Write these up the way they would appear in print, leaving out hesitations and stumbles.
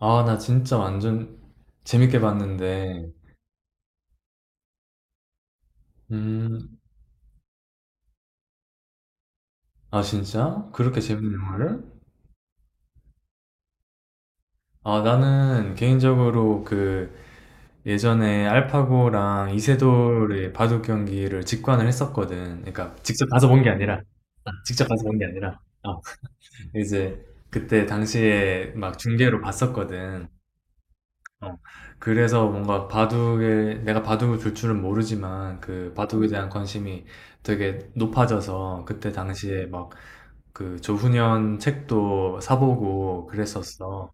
아, 나 진짜 완전 재밌게 봤는데. 음, 아, 진짜? 그렇게 재밌는 영화를? 아, 나는 개인적으로 그 예전에 알파고랑 이세돌의 바둑 경기를 직관을 했었거든. 그러니까 직접 가서 본 게 아니라, 아, 직접 가서 본 게 아니라, 아, 이제 그때 당시에 막 중계로 봤었거든. 어, 그래서 뭔가 내가 바둑을 둘 줄은 모르지만 그 바둑에 대한 관심이 되게 높아져서 그때 당시에 막 그 조훈현 책도 사보고 그랬었어.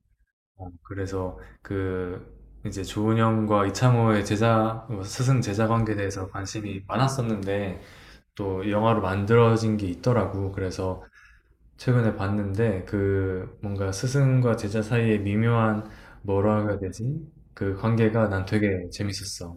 어, 그래서 그 이제 조훈현과 이창호의 제자 어, 스승 제자 관계에 대해서 관심이 많았었는데 또 영화로 만들어진 게 있더라고. 그래서 최근에 봤는데 그 뭔가 스승과 제자 사이의 미묘한 뭐라 해야 되지? 그 관계가 난 되게 재밌었어.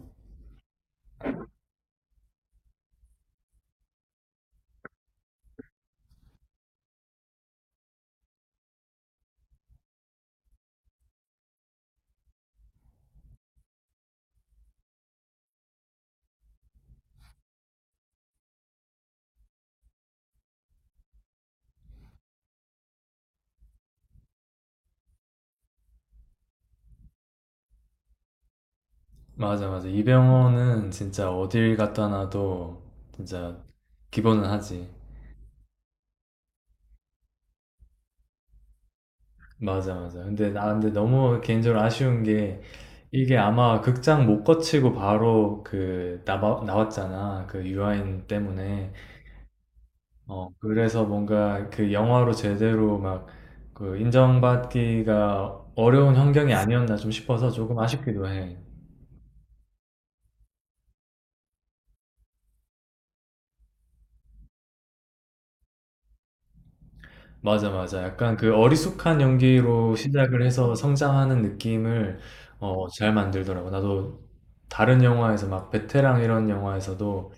맞아, 맞아. 이병헌은 진짜 어딜 갖다 놔도 진짜 기본은 하지. 맞아, 맞아. 근데 나 근데 너무 개인적으로 아쉬운 게 이게 아마 극장 못 거치고 바로 그 나왔잖아. 그 유아인 때문에. 어, 그래서 뭔가 그 영화로 제대로 막 그 인정받기가 어려운 환경이 아니었나 좀 싶어서 조금 아쉽기도 해. 맞아, 맞아. 약간 그 어리숙한 연기로 시작을 해서 성장하는 느낌을 어, 잘 만들더라고. 나도 다른 영화에서 막 베테랑 이런 영화에서도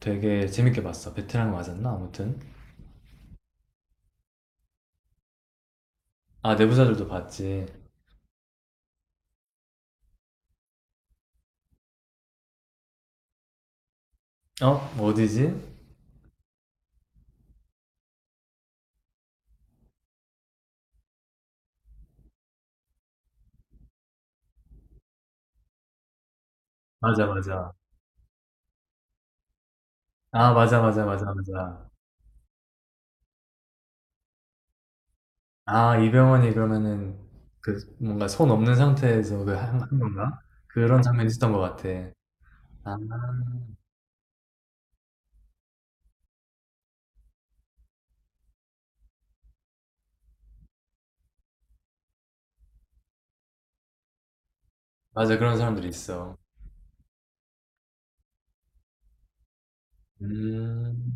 되게 재밌게 봤어. 베테랑 맞았나? 아무튼. 아, 내부자들도 봤지. 어? 뭐 어디지? 맞아, 맞아. 아, 맞아, 맞아, 맞아, 맞아. 아, 이병헌이 그러면은 그 뭔가 손 없는 상태에서 그 한 건가? 그런 장면이 있었던 것 같아. 아, 맞아. 그런 사람들이 있어. 음,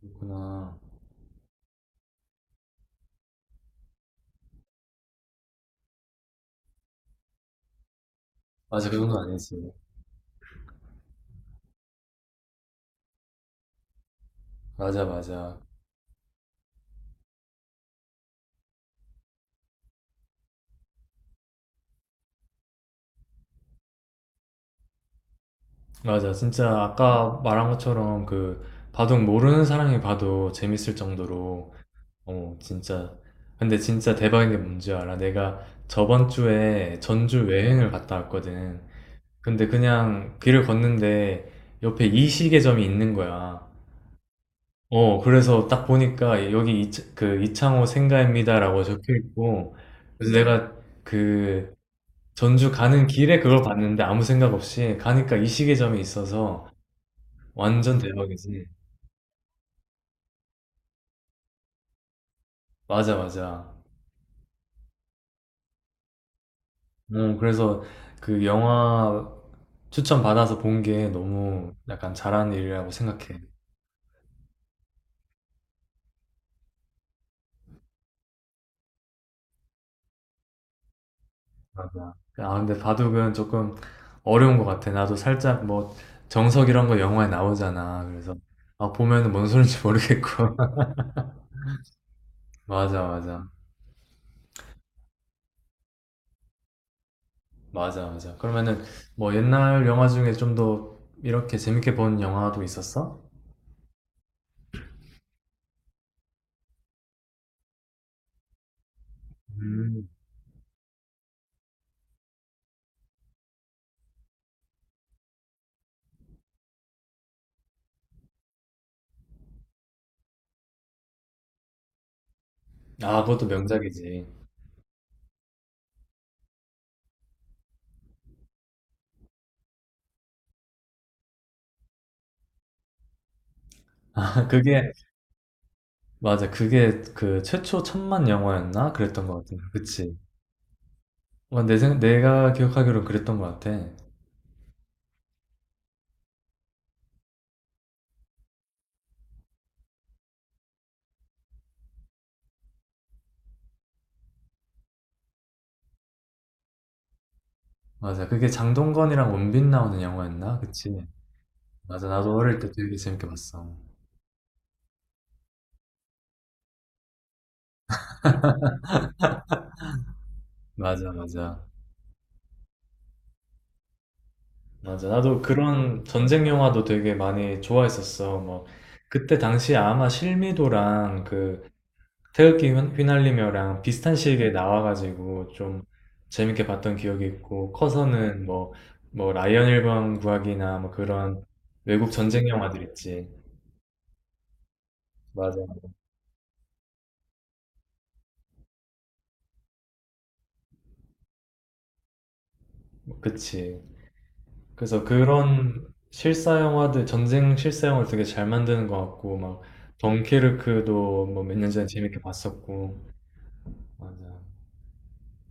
그렇구나. 맞아. 그 정도 아니지. 맞아, 맞아. 맞아. 진짜 아까 말한 것처럼 그 바둑 모르는 사람이 봐도 재밌을 정도로 어, 진짜. 근데 진짜 대박인 게 뭔지 알아? 내가 저번 주에 전주 여행을 갔다 왔거든. 근데 그냥 길을 걷는데 옆에 이 시계점이 있는 거야. 어, 그래서 딱 보니까 여기 이, 그 이창호 생가입니다라고 적혀 있고, 그래서 내가 그 전주 가는 길에 그걸 봤는데 아무 생각 없이 가니까 이 시계점이 있어서 완전 대박이지. 맞아, 맞아. 어, 그래서 그 영화 추천 받아서 본 게 너무 약간 잘한 일이라고 생각해. 맞아. 아, 근데 바둑은 조금 어려운 것 같아. 나도 살짝 뭐 정석 이런 거 영화에 나오잖아. 그래서 아, 보면은 뭔 소린지 모르겠고. 맞아, 맞아. 맞아, 맞아. 그러면은 뭐 옛날 영화 중에 좀 더 이렇게 재밌게 본 영화도 있었어? 음. 아, 그것도 명작이지. 아, 그게, 맞아. 그게 그 최초 천만 영화였나? 그랬던 것 같은데. 그치. 와, 내가 기억하기로 그랬던 것 같아. 맞아. 그게 장동건이랑 원빈 나오는 영화였나? 그치? 맞아. 나도 어릴 때 되게 재밌게 봤어. 맞아, 맞아. 맞아. 나도 그런 전쟁 영화도 되게 많이 좋아했었어. 뭐, 그때 당시에 아마 실미도랑 그 태극기 휘날리며랑 비슷한 시기에 나와가지고 좀 재밌게 봤던 기억이 있고, 커서는 뭐, 라이언 1번 구하기나 뭐 그런 외국 전쟁 영화들 있지. 맞아. 그치. 그래서 그런 실사 영화들, 전쟁 실사 영화를 되게 잘 만드는 것 같고, 막, 덩케르크도 뭐 몇 년 전에 재밌게 봤었고, 맞아.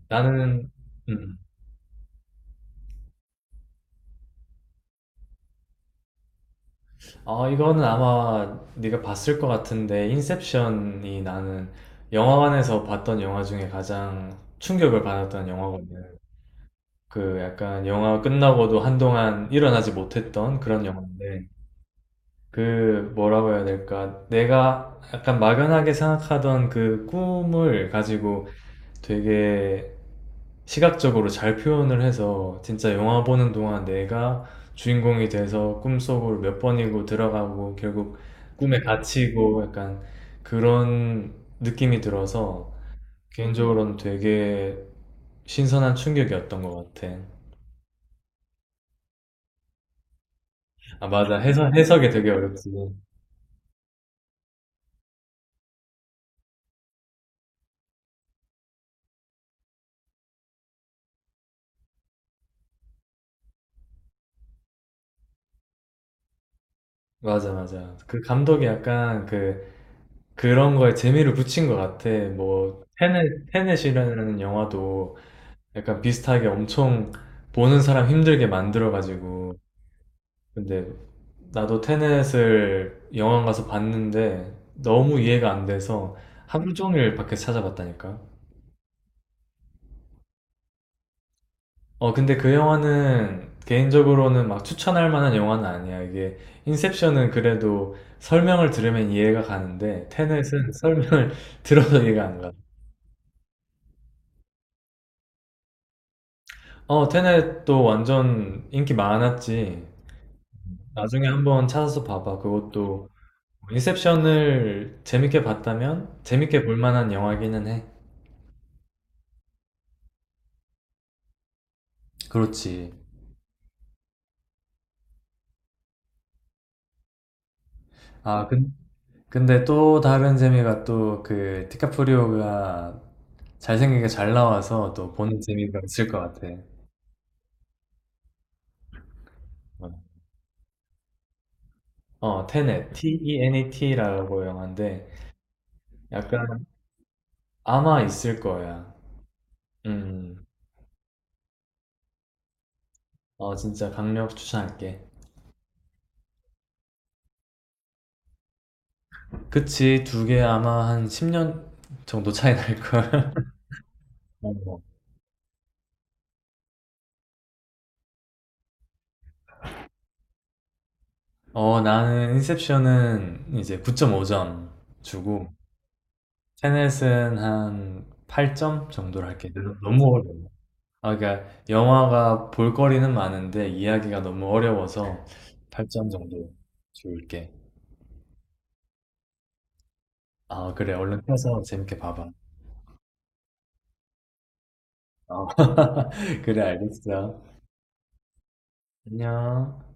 나는, 음, 어, 이거는 아마 네가 봤을 것 같은데, 인셉션이 나는 영화관에서 봤던 영화 중에 가장 충격을 받았던 영화거든. 그 약간 영화 끝나고도 한동안 일어나지 못했던 그런 영화인데, 그 뭐라고 해야 될까? 내가 약간 막연하게 생각하던 그 꿈을 가지고 되게 시각적으로 잘 표현을 해서 진짜 영화 보는 동안 내가 주인공이 돼서 꿈속으로 몇 번이고 들어가고 결국 꿈에 갇히고 약간 그런 느낌이 들어서 개인적으로는 되게 신선한 충격이었던 것 같아. 아, 맞아. 해석이 되게 어렵지. 맞아, 맞아. 그 감독이 약간 그 그런 거에 재미를 붙인 것 같아. 뭐, 테넷이라는 영화도 약간 비슷하게 엄청 보는 사람 힘들게 만들어가지고. 근데 나도 테넷을 영화관 가서 봤는데 너무 이해가 안 돼서 하루 종일 밖에서 찾아봤다니까. 어, 근데 그 영화는 개인적으로는 막 추천할 만한 영화는 아니야. 이게 인셉션은 그래도 설명을 들으면 이해가 가는데 테넷은 설명을 들어도 이해가 안 가. 어, 테넷도 완전 인기 많았지. 나중에 한번 찾아서 봐봐. 그것도 인셉션을 재밌게 봤다면 재밌게 볼 만한 영화기는 해. 그렇지. 아, 근, 근데 또 다른 재미가 또 그 디카프리오가 잘생기게 잘 나와서 또 보는 재미가 있을 것 같아. 어, 테넷, T-E-N-E-T라고 영화인데 약간 아마 있을 거야. 음, 어, 진짜 강력 추천할게. 그치. 두 개 아마 한 10년 정도 차이 날걸. 어, 어. 나는 인셉션은 이제 9.5점 주고 테넷은 한 8점 정도로 할게. 너무 어려워. 아, 그러니까 영화가 볼거리는 많은데 이야기가 너무 어려워서 8점 정도 줄게. 아, 그래, 얼른 펴서 재밌게 봐봐. 어. 그래, 알겠어. 안녕.